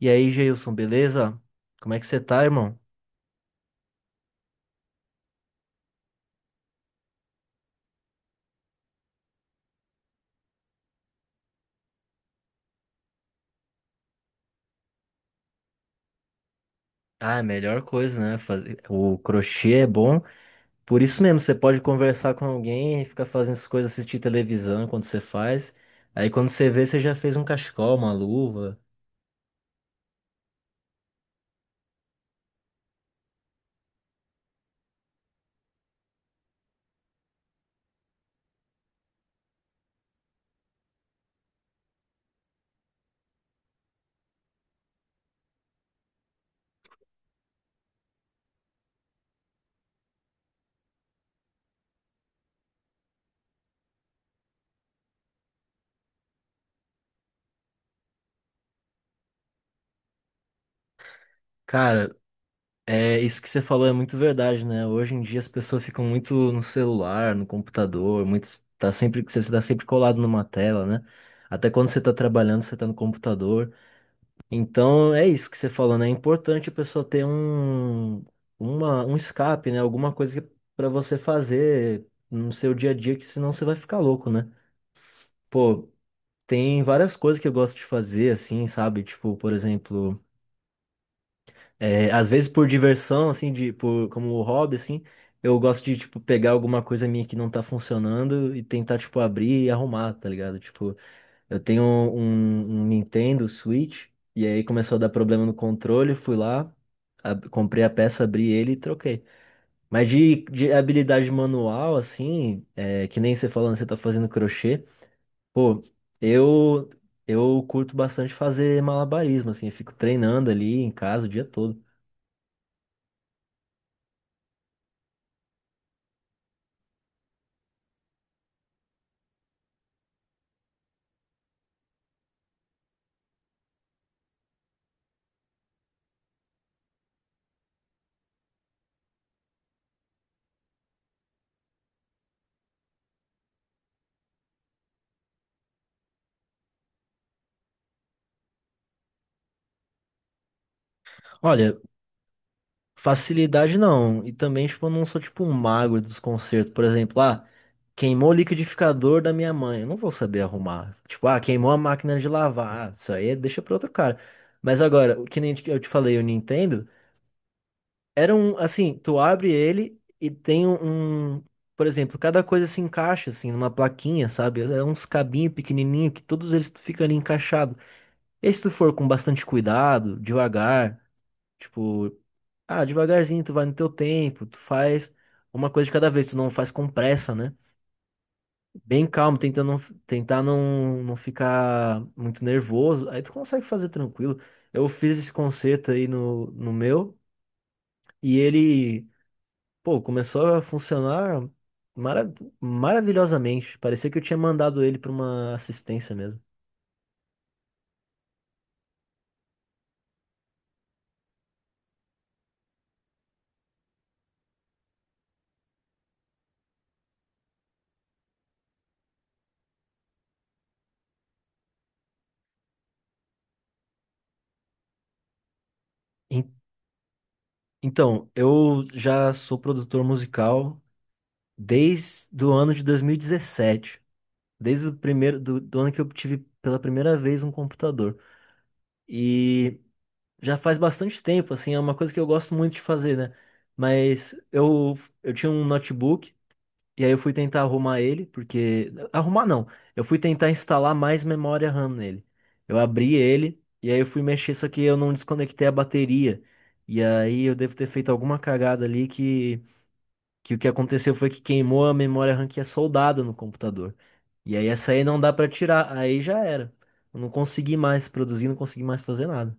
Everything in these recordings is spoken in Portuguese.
E aí, Geilson, beleza? Como é que você tá, irmão? Ah, a melhor coisa, né? O crochê é bom. Por isso mesmo, você pode conversar com alguém, ficar fazendo essas coisas, assistir televisão enquanto você faz. Aí quando você vê, você já fez um cachecol, uma luva. Cara, é isso que você falou é muito verdade, né? Hoje em dia as pessoas ficam muito no celular, no computador, muito tá sempre você está sempre colado numa tela, né? Até quando você tá trabalhando, você tá no computador. Então é isso que você falou, né? É importante a pessoa ter um escape, né? Alguma coisa que, pra você fazer no seu dia a dia, que senão você vai ficar louco, né? Pô, tem várias coisas que eu gosto de fazer, assim, sabe? Tipo, por exemplo, às vezes por diversão, assim, de, por, como hobby, assim, eu gosto de, tipo, pegar alguma coisa minha que não tá funcionando e tentar, tipo, abrir e arrumar, tá ligado? Tipo, eu tenho um Nintendo Switch e aí começou a dar problema no controle, fui lá, comprei a peça, abri ele e troquei. Mas de habilidade manual, assim, que nem você falando, você tá fazendo crochê, pô, eu eu curto bastante fazer malabarismo, assim, eu fico treinando ali em casa o dia todo. Olha, facilidade não. E também, tipo, eu não sou tipo um mago dos consertos. Por exemplo, ah, queimou o liquidificador da minha mãe. Eu não vou saber arrumar. Tipo, ah, queimou a máquina de lavar. Ah, isso aí é- deixa pra outro cara. Mas agora, o que nem eu te falei, o Nintendo, era um, assim, tu abre ele e tem um, um- por exemplo, cada coisa se encaixa, assim, numa plaquinha, sabe? É uns cabinhos pequenininho que todos eles ficam ali encaixados. E se tu for com bastante cuidado, devagar. Tipo, ah, devagarzinho, tu vai no teu tempo, tu faz uma coisa de cada vez, tu não faz com pressa, né? Bem calmo, tentando não, tentar não, não ficar muito nervoso. Aí tu consegue fazer tranquilo. Eu fiz esse concerto aí no meu e ele, pô, começou a funcionar mara maravilhosamente. Parecia que eu tinha mandado ele pra uma assistência mesmo. En- Então, eu já sou produtor musical desde o ano de 2017. Desde o primeiro do ano que eu tive pela primeira vez um computador. E já faz bastante tempo, assim, é uma coisa que eu gosto muito de fazer, né? Mas eu tinha um notebook e aí eu fui tentar arrumar ele, porque. Arrumar não. Eu fui tentar instalar mais memória RAM nele. Eu abri ele e aí eu fui mexer, só que eu não desconectei a bateria. E aí eu devo ter feito alguma cagada ali que o que aconteceu foi que queimou a memória RAM que é soldada no computador. E aí essa aí não dá pra tirar, aí já era. Eu não consegui mais produzir, não consegui mais fazer nada.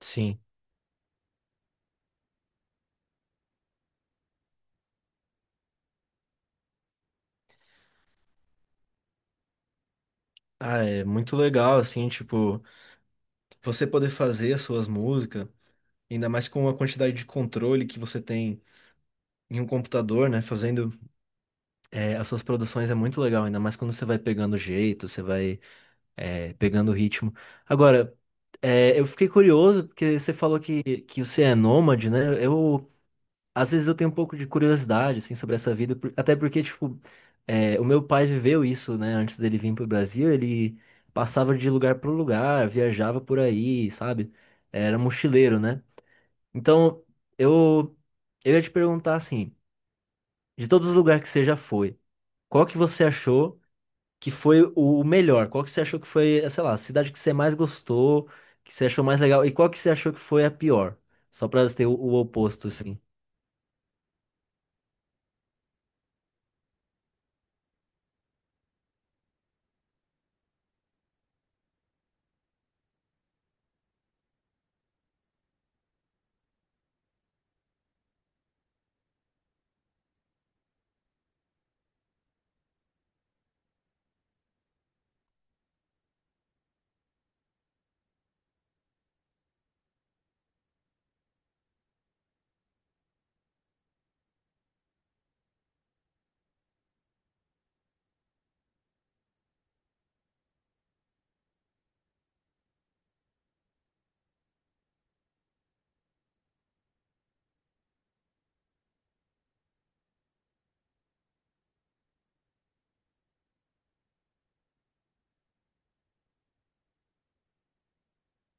Sim. Ah, é muito legal, assim, tipo, você poder fazer as suas músicas, ainda mais com a quantidade de controle que você tem em um computador, né? Fazendo as suas produções é muito legal, ainda mais quando você vai pegando o jeito, você vai pegando o ritmo. Agora, eu fiquei curioso, porque você falou que você é nômade, né? Eu às vezes eu tenho um pouco de curiosidade, assim, sobre essa vida, por- até porque, tipo, o meu pai viveu isso, né, antes dele vir pro Brasil, ele passava de lugar pro lugar, viajava por aí, sabe? Era mochileiro, né? Então, eu, eu ia te perguntar, assim, de todos os lugares que você já foi, qual que você achou que foi o melhor? Qual que você achou que foi, eh, sei lá, a cidade que você mais gostou, que você achou mais legal, e qual que você achou que foi a pior? Só pra ter o oposto, assim.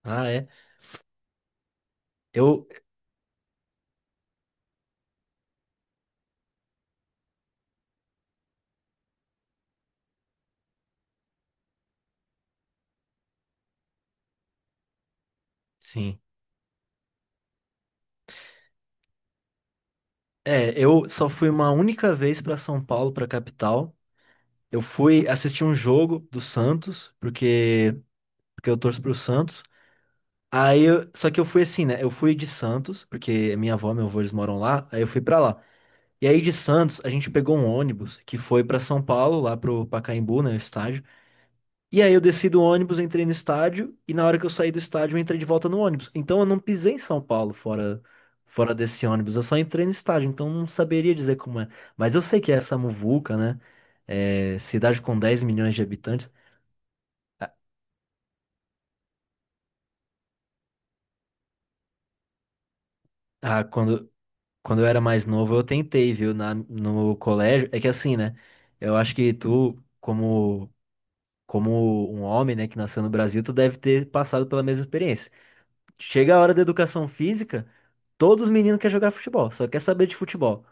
Ah, é? Eu, sim. É, eu só fui uma única vez para São Paulo, para capital. Eu fui assistir um jogo do Santos, porque porque eu torço pro Santos. Aí, só que eu fui assim, né? Eu fui de Santos, porque minha avó, meu avô, eles moram lá. Aí eu fui para lá. E aí de Santos, a gente pegou um ônibus que foi para São Paulo, lá pro Pacaembu, né, o estádio. E aí eu desci do ônibus, entrei no estádio, e na hora que eu saí do estádio, eu entrei de volta no ônibus. Então eu não pisei em São Paulo fora, fora desse ônibus, eu só entrei no estádio, então não saberia dizer como é. Mas eu sei que é essa muvuca, né? É, cidade com 10 milhões de habitantes. Ah, ah, quando eu era mais novo, eu tentei, viu, na, no colégio. É que assim, né? Eu acho que tu, como, como um homem, né, que nasceu no Brasil, tu deve ter passado pela mesma experiência. Chega a hora da educação física. Todos os meninos querem jogar futebol, só quer saber de futebol.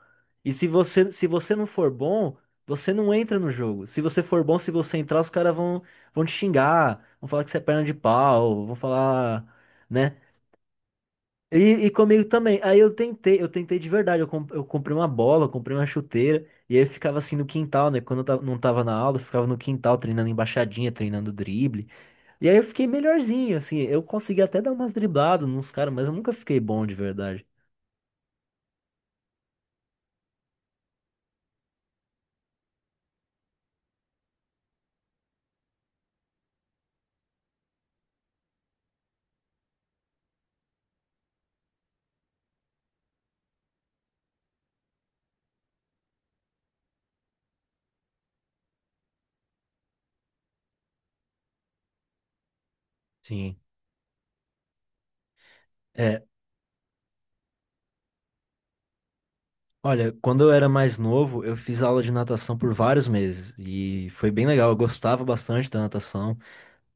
E se você, se você não for bom, você não entra no jogo. Se você for bom, se você entrar, os caras vão, vão te xingar, vão falar que você é perna de pau, vão falar, né? E, e comigo também. Aí eu tentei de verdade. Eu, eu comprei uma bola, eu comprei uma chuteira, e aí eu ficava assim no quintal, né? Quando eu não tava na aula, eu ficava no quintal treinando embaixadinha, treinando drible. E aí eu fiquei melhorzinho, assim. Eu consegui até dar umas dribladas nos caras, mas eu nunca fiquei bom de verdade. Sim. É, olha, quando eu era mais novo, eu fiz aula de natação por vários meses e foi bem legal. Eu gostava bastante da natação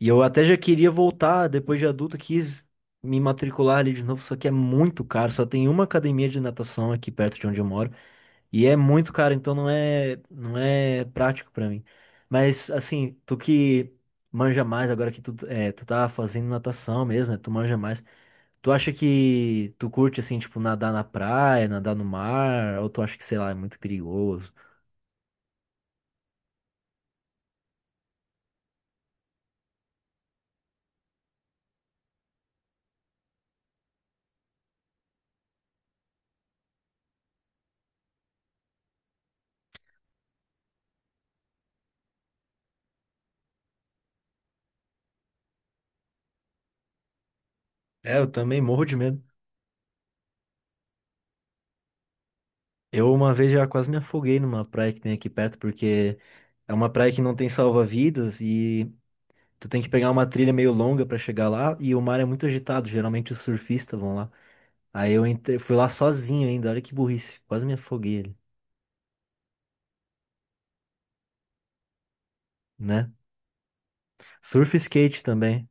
e eu até já queria voltar depois de adulto, quis me matricular ali de novo, só que é muito caro. Só tem uma academia de natação aqui perto de onde eu moro e é muito caro, então não é não é prático pra mim. Mas assim, tu que manja mais agora que tu é, tu tá fazendo natação mesmo, né? Tu manja mais. Tu acha que tu curte assim, tipo, nadar na praia, nadar no mar, ou tu acha que, sei lá, é muito perigoso? É, eu também morro de medo. Eu uma vez já quase me afoguei numa praia que tem aqui perto, porque é uma praia que não tem salva-vidas e tu tem que pegar uma trilha meio longa pra chegar lá e o mar é muito agitado, geralmente os surfistas vão lá. Aí eu entrei, fui lá sozinho ainda, olha que burrice, quase me afoguei ali, né? Surf e skate também.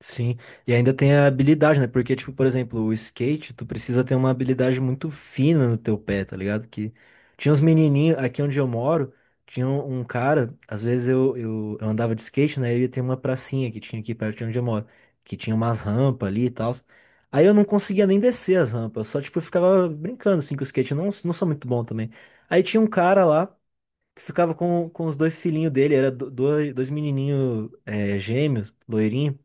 Sim, e ainda tem a habilidade, né? Porque, tipo, por exemplo, o skate, tu precisa ter uma habilidade muito fina no teu pé, tá ligado? Que tinha uns menininhos, aqui onde eu moro, tinha um cara, às vezes eu andava de skate, né? E ia ter uma pracinha que tinha aqui perto de onde eu moro, que tinha umas rampas ali e tal. Aí eu não conseguia nem descer as rampas, só, tipo, eu ficava brincando, assim, com o skate, eu não, não sou muito bom também. Aí tinha um cara lá, que ficava com os dois filhinhos dele, era dois menininhos, é, gêmeos, loirinhos.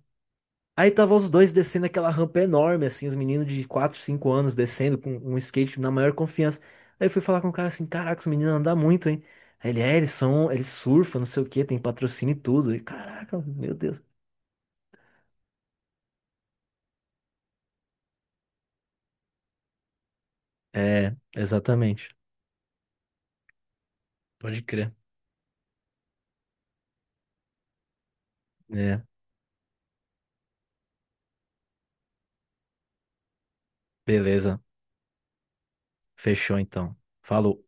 Aí tava os dois descendo aquela rampa enorme, assim, os meninos de 4, 5 anos descendo com um skate na maior confiança. Aí eu fui falar com o cara assim, caraca, os meninos andam muito, hein? Aí ele, é, eles são, eles surfam, não sei o quê, tem patrocínio e tudo. E caraca, meu Deus. É, exatamente. Pode crer. É, beleza. Fechou então. Falou.